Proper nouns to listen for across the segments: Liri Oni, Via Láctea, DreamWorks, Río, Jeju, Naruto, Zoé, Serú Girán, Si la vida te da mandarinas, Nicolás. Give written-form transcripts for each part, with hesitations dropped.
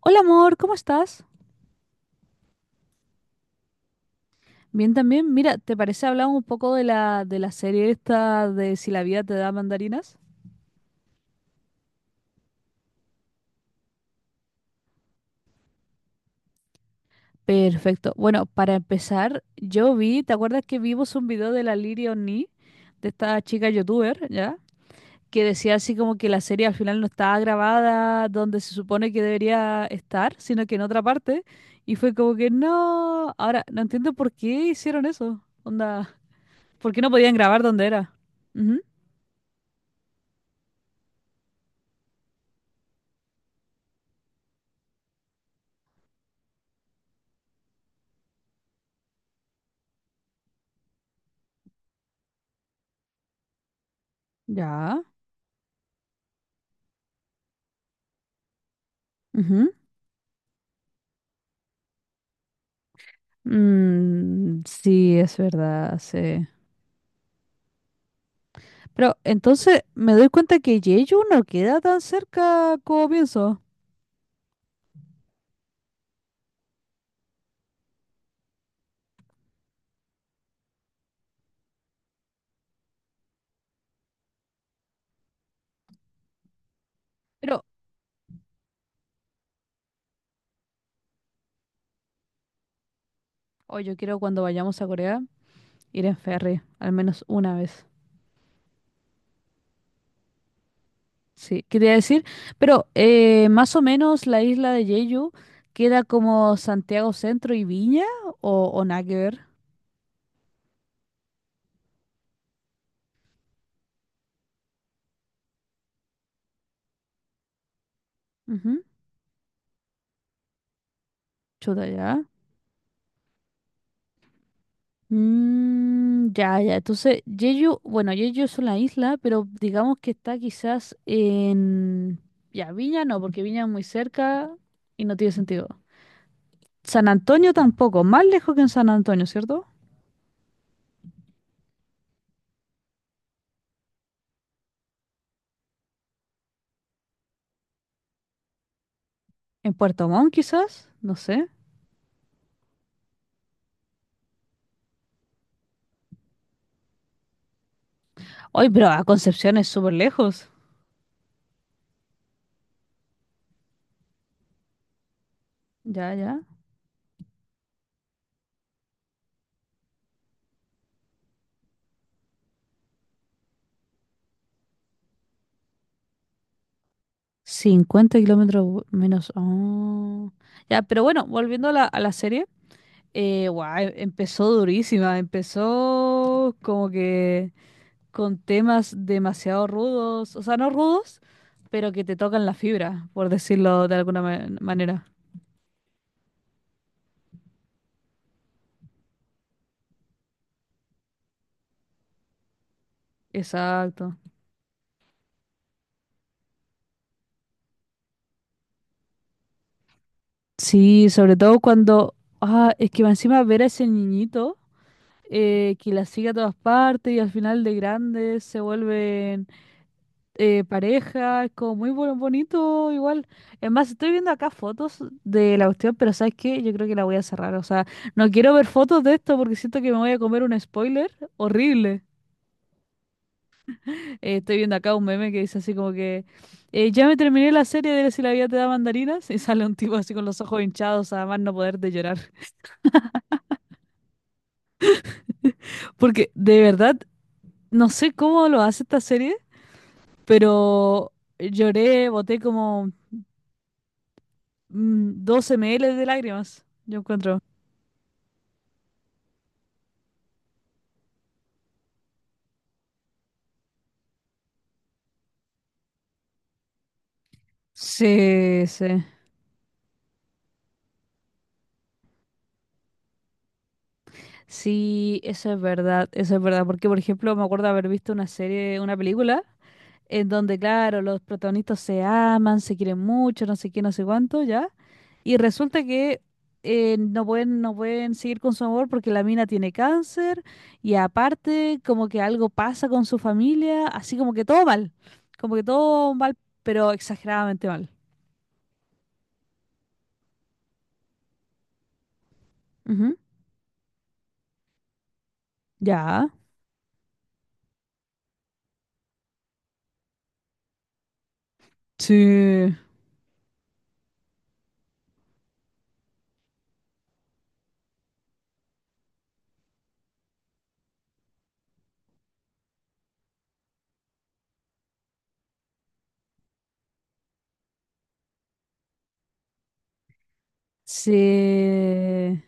Hola amor, ¿cómo estás? Bien también. Mira, ¿te parece hablar un poco de la serie esta de Si la vida te da mandarinas? Perfecto. Bueno, para empezar, yo vi, ¿te acuerdas que vimos un video de la Liri Oni, de esta chica youtuber, ¿ya? Que decía así como que la serie al final no estaba grabada donde se supone que debería estar, sino que en otra parte. Y fue como que no. Ahora, no entiendo por qué hicieron eso. Onda, ¿por qué no podían grabar donde era? Ujú. Ya. Ujú. Mm, sí, es verdad, sí. Pero entonces me doy cuenta que Jeju no queda tan cerca como pienso. Pero, oh, yo quiero cuando vayamos a Corea ir en ferry, al menos una vez. Sí, quería decir. Pero más o menos la isla de Jeju queda como Santiago Centro y Viña o nada que ver. Ujú. Chuta ya. Mm, ya, ya. Entonces, Jeju, bueno, Jeju es una isla, pero digamos que está quizás en... Ya, Viña no, porque Viña es muy cerca y no tiene sentido. San Antonio tampoco, más lejos que en San Antonio, ¿cierto? En Puerto Montt quizás, no sé. Hoy, pero a Concepción es súper lejos. Ya, ya. 50 kilómetros menos. Ah. Ya, pero bueno, volviendo a la serie. Guau, empezó durísima, empezó como que... con temas demasiado rudos, o sea, no rudos, pero que te tocan la fibra, por decirlo de alguna manera. Exacto. Sí, sobre todo cuando, ah, es que encima ver a ese niñito que la sigue a todas partes y al final de grandes se vuelven pareja, es como muy bonito igual. Es más, estoy viendo acá fotos de la cuestión, pero ¿sabes qué? Yo creo que la voy a cerrar, o sea, no quiero ver fotos de esto porque siento que me voy a comer un spoiler horrible. Estoy viendo acá un meme que dice así como que ya me terminé la serie de Si la vida te da mandarinas y sale un tipo así con los ojos hinchados a más no poder de llorar. Porque de verdad, no sé cómo lo hace esta serie, pero lloré, boté como 12 ml de lágrimas, yo encuentro. Sí, sí. Sí, eso es verdad, porque por ejemplo me acuerdo haber visto una serie, una película, en donde claro, los protagonistas se aman, se quieren mucho, no sé qué, no sé cuánto, ¿ya? Y resulta que no pueden seguir con su amor porque la mina tiene cáncer y aparte como que algo pasa con su familia, así como que todo mal, como que todo mal, pero exageradamente mal. Ujú. Ya. Sí. Sí.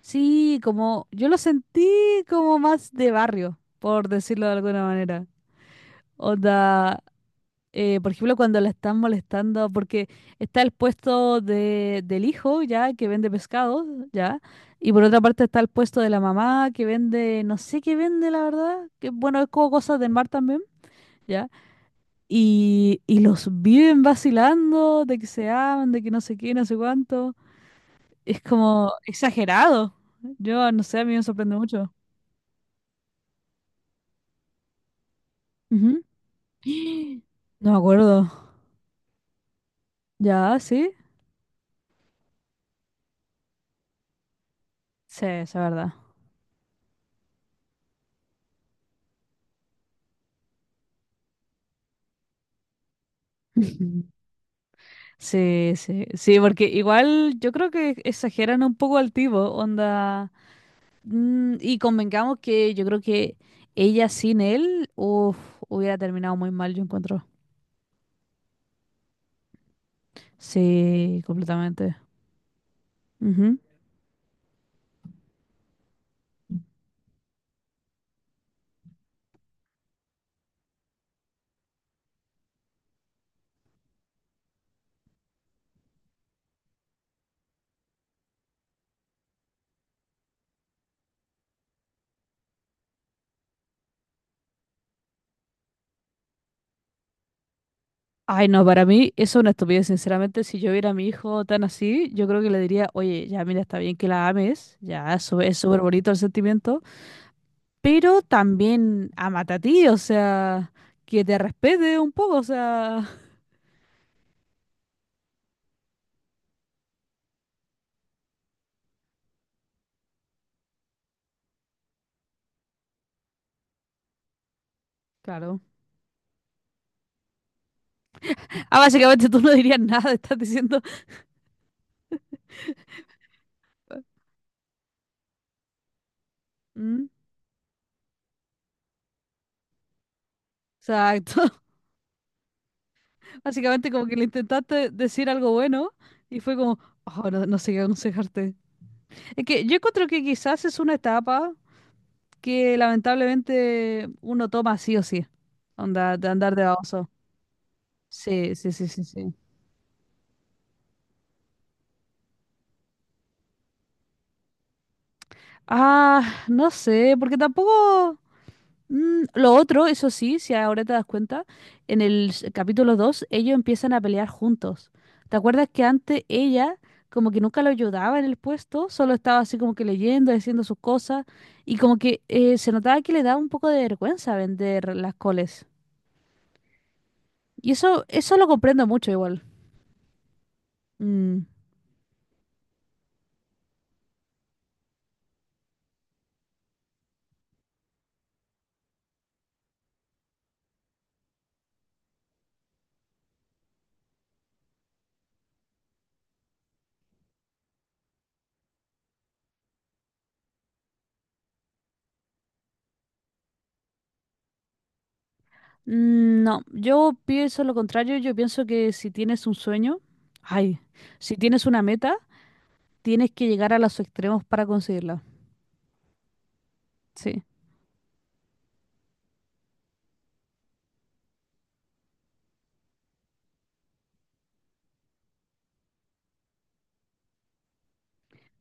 Sí, como yo lo sentí como más de barrio, por decirlo de alguna manera. Onda, por ejemplo, cuando la están molestando, porque está el puesto del hijo, ya, que vende pescado, ya, y por otra parte está el puesto de la mamá, que vende, no sé qué vende, la verdad, que bueno, es como cosas del mar también, ya, y los viven vacilando de que se aman, de que no sé qué, no sé cuánto. Es como exagerado. Yo, no sé, a mí me sorprende mucho. Ujú. No me acuerdo. ¿Ya? ¿Sí? Sí, es verdad. Sí, sí, sí, porque igual yo creo que exageran un poco al tipo, onda. Y convengamos que yo creo que ella sin él, uf, hubiera terminado muy mal, yo encuentro. Sí, completamente. Ujú. Ay, no, para mí eso es una estupidez, sinceramente. Si yo viera a mi hijo tan así, yo creo que le diría, oye, ya mira, está bien que la ames, ya, eso es súper bonito el sentimiento, pero también amate a ti, o sea, que te respete un poco, o sea, claro. Ah, básicamente tú no dirías nada, estás diciendo. Mm, exacto. Básicamente como que le intentaste decir algo bueno y fue como, oh, no, no sé qué aconsejarte. Es que yo encuentro que quizás es una etapa que lamentablemente uno toma sí o sí. Onda, de andar de baboso. Sí, sí, sí, sí, sí. Ah, no sé, porque tampoco. Mm, lo otro, eso sí, si ahora te das cuenta, en el capítulo 2 ellos empiezan a pelear juntos. ¿Te acuerdas que antes ella como que nunca lo ayudaba en el puesto, solo estaba así como que leyendo, haciendo sus cosas y como que se notaba que le daba un poco de vergüenza vender las coles? Y eso lo comprendo mucho igual. Mm, mm, no, yo pienso lo contrario, yo pienso que si tienes un sueño, ay, si tienes una meta, tienes que llegar a los extremos para conseguirla. Sí.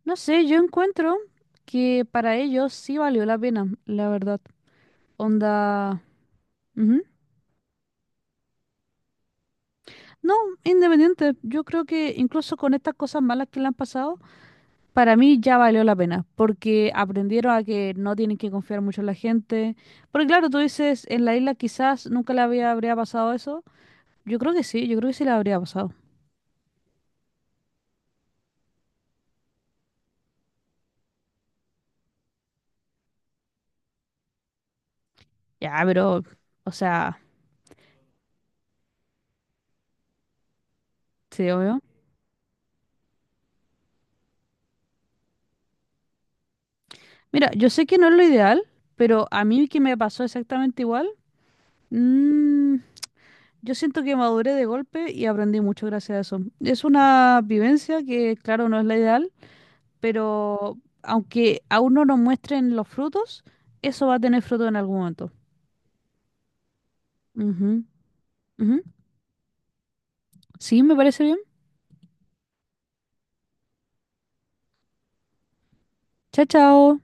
No sé, yo encuentro que para ellos sí valió la pena, la verdad. Onda... ujú. No, independiente. Yo creo que incluso con estas cosas malas que le han pasado, para mí ya valió la pena, porque aprendieron a que no tienen que confiar mucho en la gente. Porque claro, tú dices, en la isla quizás nunca le habría pasado eso. Yo creo que sí, yo creo que sí le habría pasado. Ya, pero, o sea, sí, obvio. Mira, yo sé que no es lo ideal, pero a mí que me pasó exactamente igual. mm, Yo siento que maduré de golpe y aprendí mucho gracias a eso. Es una vivencia que, claro, no es la ideal, pero aunque aún no nos muestren los frutos, eso va a tener fruto en algún momento. Ujú, ujú. Sí, me parece bien. Chao, chao.